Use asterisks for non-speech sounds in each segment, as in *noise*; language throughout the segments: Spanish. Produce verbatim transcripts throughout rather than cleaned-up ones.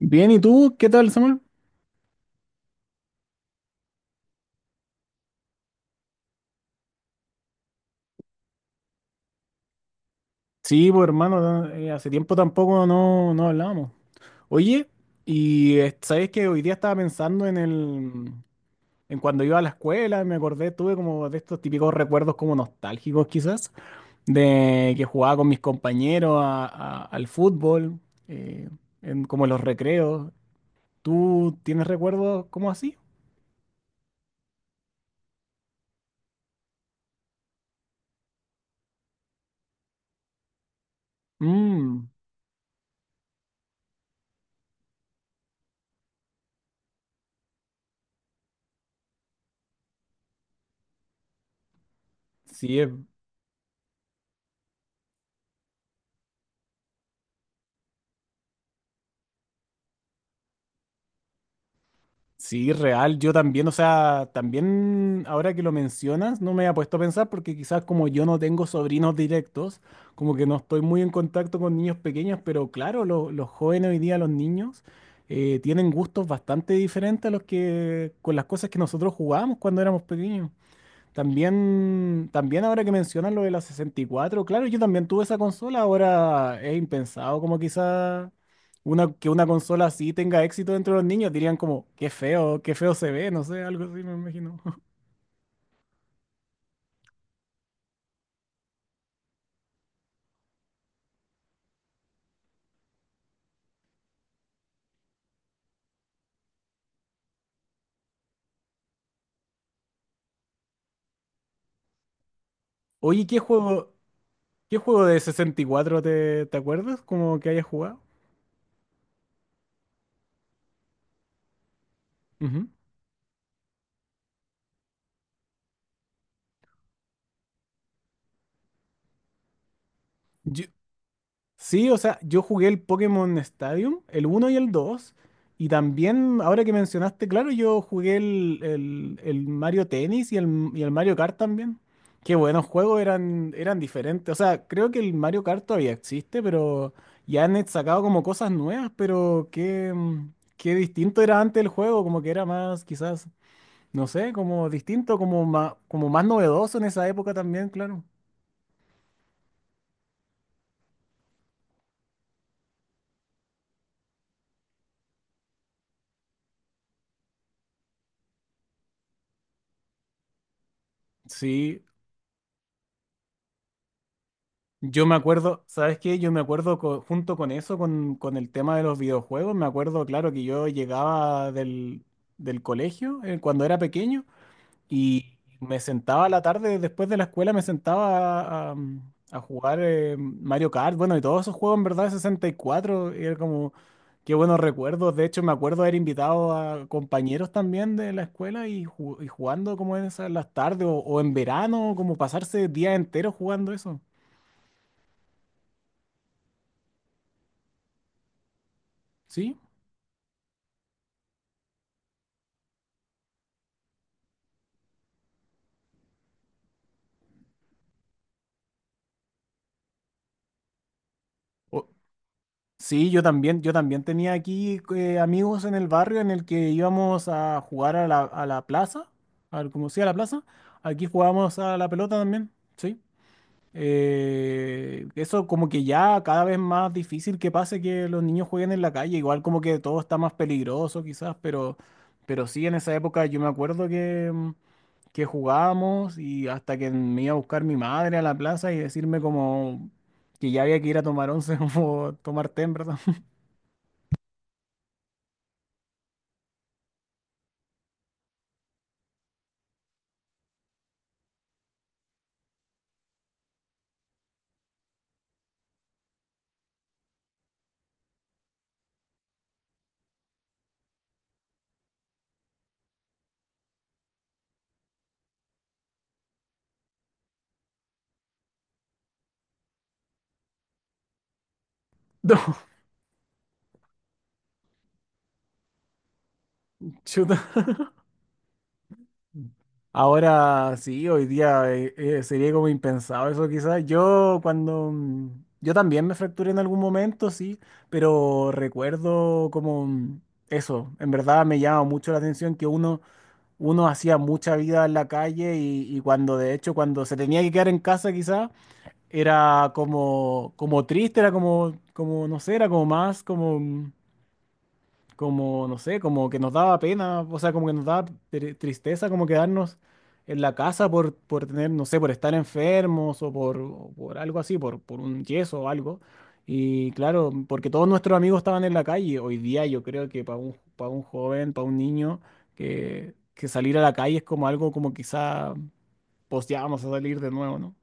Bien, ¿y tú? ¿Qué tal, Samuel? Sí, pues hermano, no, eh, hace tiempo tampoco no, no hablábamos. Oye, y eh, sabes que hoy día estaba pensando en el, en cuando iba a la escuela, me acordé, tuve como de estos típicos recuerdos como nostálgicos quizás, de que jugaba con mis compañeros a- a- al fútbol, eh, en, como en los recreos. ¿Tú tienes recuerdos como así? Mm, sí, es. Sí, real. Yo también, o sea, también ahora que lo mencionas, no me había puesto a pensar porque quizás como yo no tengo sobrinos directos, como que no estoy muy en contacto con niños pequeños, pero claro, lo- los jóvenes hoy día, los niños, eh, tienen gustos bastante diferentes a los que con las cosas que nosotros jugábamos cuando éramos pequeños. También, también ahora que mencionas lo de la sesenta y cuatro, claro, yo también tuve esa consola, ahora es impensado como quizá una, que una consola así tenga éxito dentro de los niños, dirían como, qué feo, qué feo se ve, no sé, algo así me imagino. *laughs* Oye, ¿qué juego, ¿qué juego de sesenta y cuatro te, te acuerdas? Como que hayas jugado. Ujú. Yo, Sí, o sea, yo jugué el Pokémon Stadium, el uno y el dos, y también, ahora que mencionaste, claro, yo jugué el, el- el Mario Tennis y el, y el Mario Kart también. Qué buenos juegos, eran, eran diferentes. O sea, creo que el Mario Kart todavía existe, pero ya han sacado como cosas nuevas, pero qué, mm, qué distinto era antes el juego, como que era más, quizás, no sé, como distinto, como más, como más novedoso en esa época también, claro. Sí. Yo me acuerdo, ¿sabes qué? Yo me acuerdo co- junto con eso, con, con el tema de los videojuegos, me acuerdo, claro, que yo llegaba del, del colegio, eh, cuando era pequeño y me sentaba a la tarde después de la escuela, me sentaba a, a, mm, a jugar, eh, Mario Kart, bueno, y todos esos juegos en verdad de sesenta y cuatro, y cuatro, y era como, qué buenos recuerdos, de hecho me acuerdo haber invitado a compañeros también de la escuela y, ju- y jugando como en esas las tardes o, o en verano, como pasarse días enteros jugando eso, ¿sí? Sí, yo también, yo también tenía aquí eh, amigos en el barrio en el que íbamos a jugar a la, a la plaza, al, como sea la plaza, aquí jugábamos a la pelota también, sí. Eh, eso como que ya cada vez más difícil que pase que los niños jueguen en la calle, igual como que todo está más peligroso quizás, pero, pero sí en esa época yo me acuerdo que, mm, que jugábamos y hasta que me iba a buscar mi madre a la plaza y decirme como que ya había que ir a tomar once *laughs* o tomar té, en ¿verdad? No, *laughs* chuta. Ahora sí, hoy día eh, eh, sería como impensado eso quizás. Yo cuando... mm, yo también me fracturé en algún momento, sí, pero recuerdo como mm, eso. En verdad me llama mucho la atención que uno, uno hacía mucha vida en la calle y, y cuando de hecho cuando se tenía que quedar en casa quizás era como, como triste, era como, como, no sé, era como más como... mm, como, no sé, como que nos daba pena, o sea, como que nos daba tri- tristeza como quedarnos en la casa por, por tener, no sé, por estar enfermos o por, o por algo así, por, por un yeso o algo. Y claro, porque todos nuestros amigos estaban en la calle. Hoy día yo creo que para un, para un joven, para un niño, que, que salir a la calle es como algo como quizá, pues ya vamos a salir de nuevo, ¿no?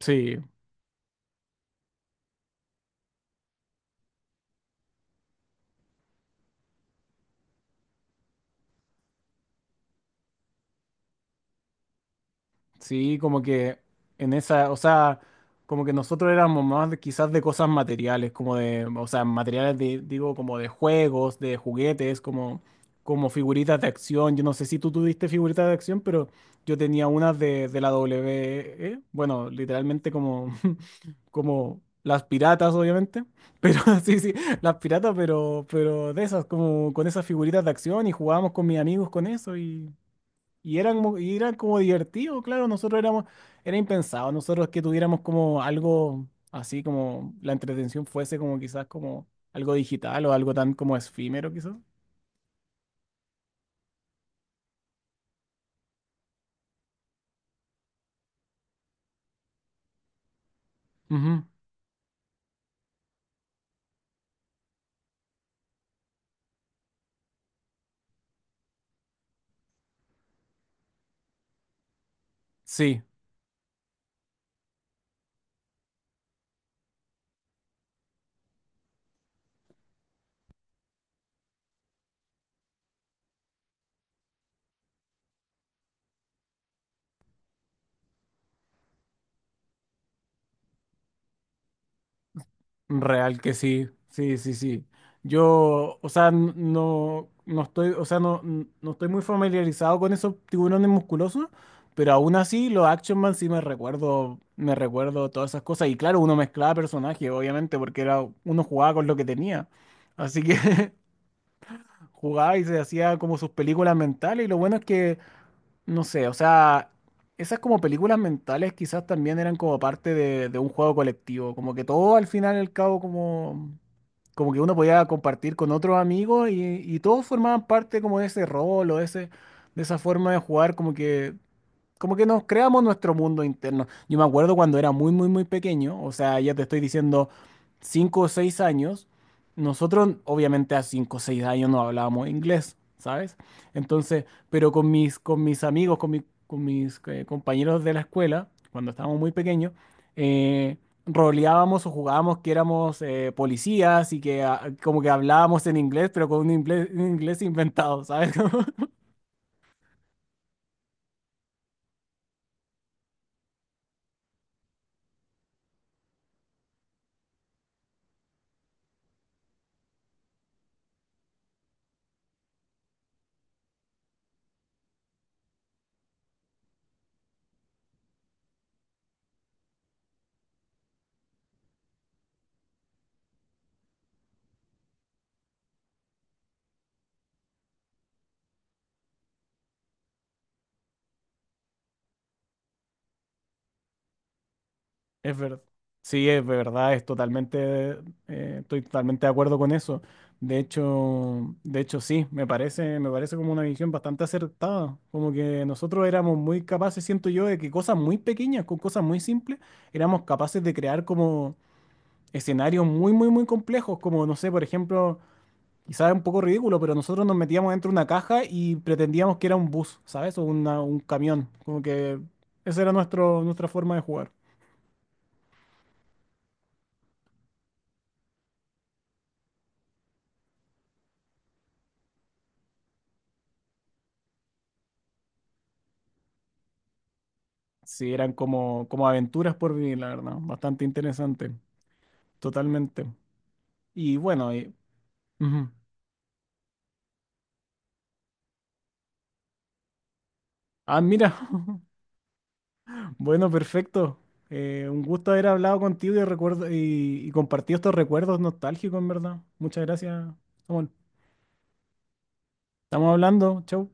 Sí. Sí, como que en esa, o sea, como que nosotros éramos más de- quizás de cosas materiales, como de, o sea, materiales de, digo, como de juegos, de juguetes, como, como figuritas de acción. Yo no sé si tú tuviste figuritas de acción, pero yo tenía unas de, de la doble u doble u e, bueno, literalmente como, *laughs* como las piratas, obviamente, pero *laughs* sí, sí, las piratas, pero, pero de esas, como con esas figuritas de acción, y jugábamos con mis amigos con eso, y eran, mo- y eran como divertidos, claro, nosotros éramos, era impensado, nosotros que tuviéramos como algo así como la entretención fuese como quizás como algo digital o algo tan como efímero quizás. Ujú. Sí. Real que sí, sí, sí, sí. Yo, o sea, n- no, no estoy, o sea, no, n- no estoy muy familiarizado con esos tiburones musculosos, pero aún así los Action Man sí me recuerdo, me recuerdo todas esas cosas. Y claro, uno mezclaba personajes, obviamente, porque era, uno jugaba con lo que tenía. Así que *laughs* jugaba y se hacía como sus películas mentales. Y lo bueno es que, no sé, o sea, esas como películas mentales quizás también eran como parte de, de un juego colectivo, como que todo al final y al cabo como como que uno podía compartir con otros amigos, y, y todos formaban parte como de ese rol o de ese, de esa forma de jugar, como que como que nos creamos nuestro mundo interno. Yo me acuerdo cuando era muy, muy, muy pequeño, o sea, ya te estoy diciendo cinco o seis años, nosotros obviamente a cinco o seis años no hablábamos inglés, ¿sabes? Entonces, pero con mis, con mis amigos, con, mi- con mis eh, compañeros de la escuela, cuando estábamos muy pequeños, eh, roleábamos o jugábamos que éramos eh, policías y que ah, como que hablábamos en inglés, pero con un inglés, un inglés inventado, ¿sabes? *laughs* Es verdad. Sí, es verdad, es totalmente, eh, estoy totalmente de acuerdo con eso. De hecho, de hecho sí, me parece, me parece como una visión bastante acertada. Como que nosotros éramos muy capaces, siento yo, de que cosas muy pequeñas, con cosas muy simples, éramos capaces de crear como escenarios muy, muy, muy complejos. Como, no sé, por ejemplo, quizás es un poco ridículo, pero nosotros nos metíamos dentro de una caja y pretendíamos que era un bus, ¿sabes? O una- un camión. Como que esa era nuestro, nuestra forma de jugar. Sí, eran como, como aventuras por vivir, la verdad. Bastante interesante. Totalmente. Y bueno, y- ujú. Ah, mira. *laughs* Bueno, perfecto. Eh, un gusto haber hablado contigo y, recuerdo, y, y compartido estos recuerdos nostálgicos, en verdad. Muchas gracias, Samuel. Estamos hablando. Chau.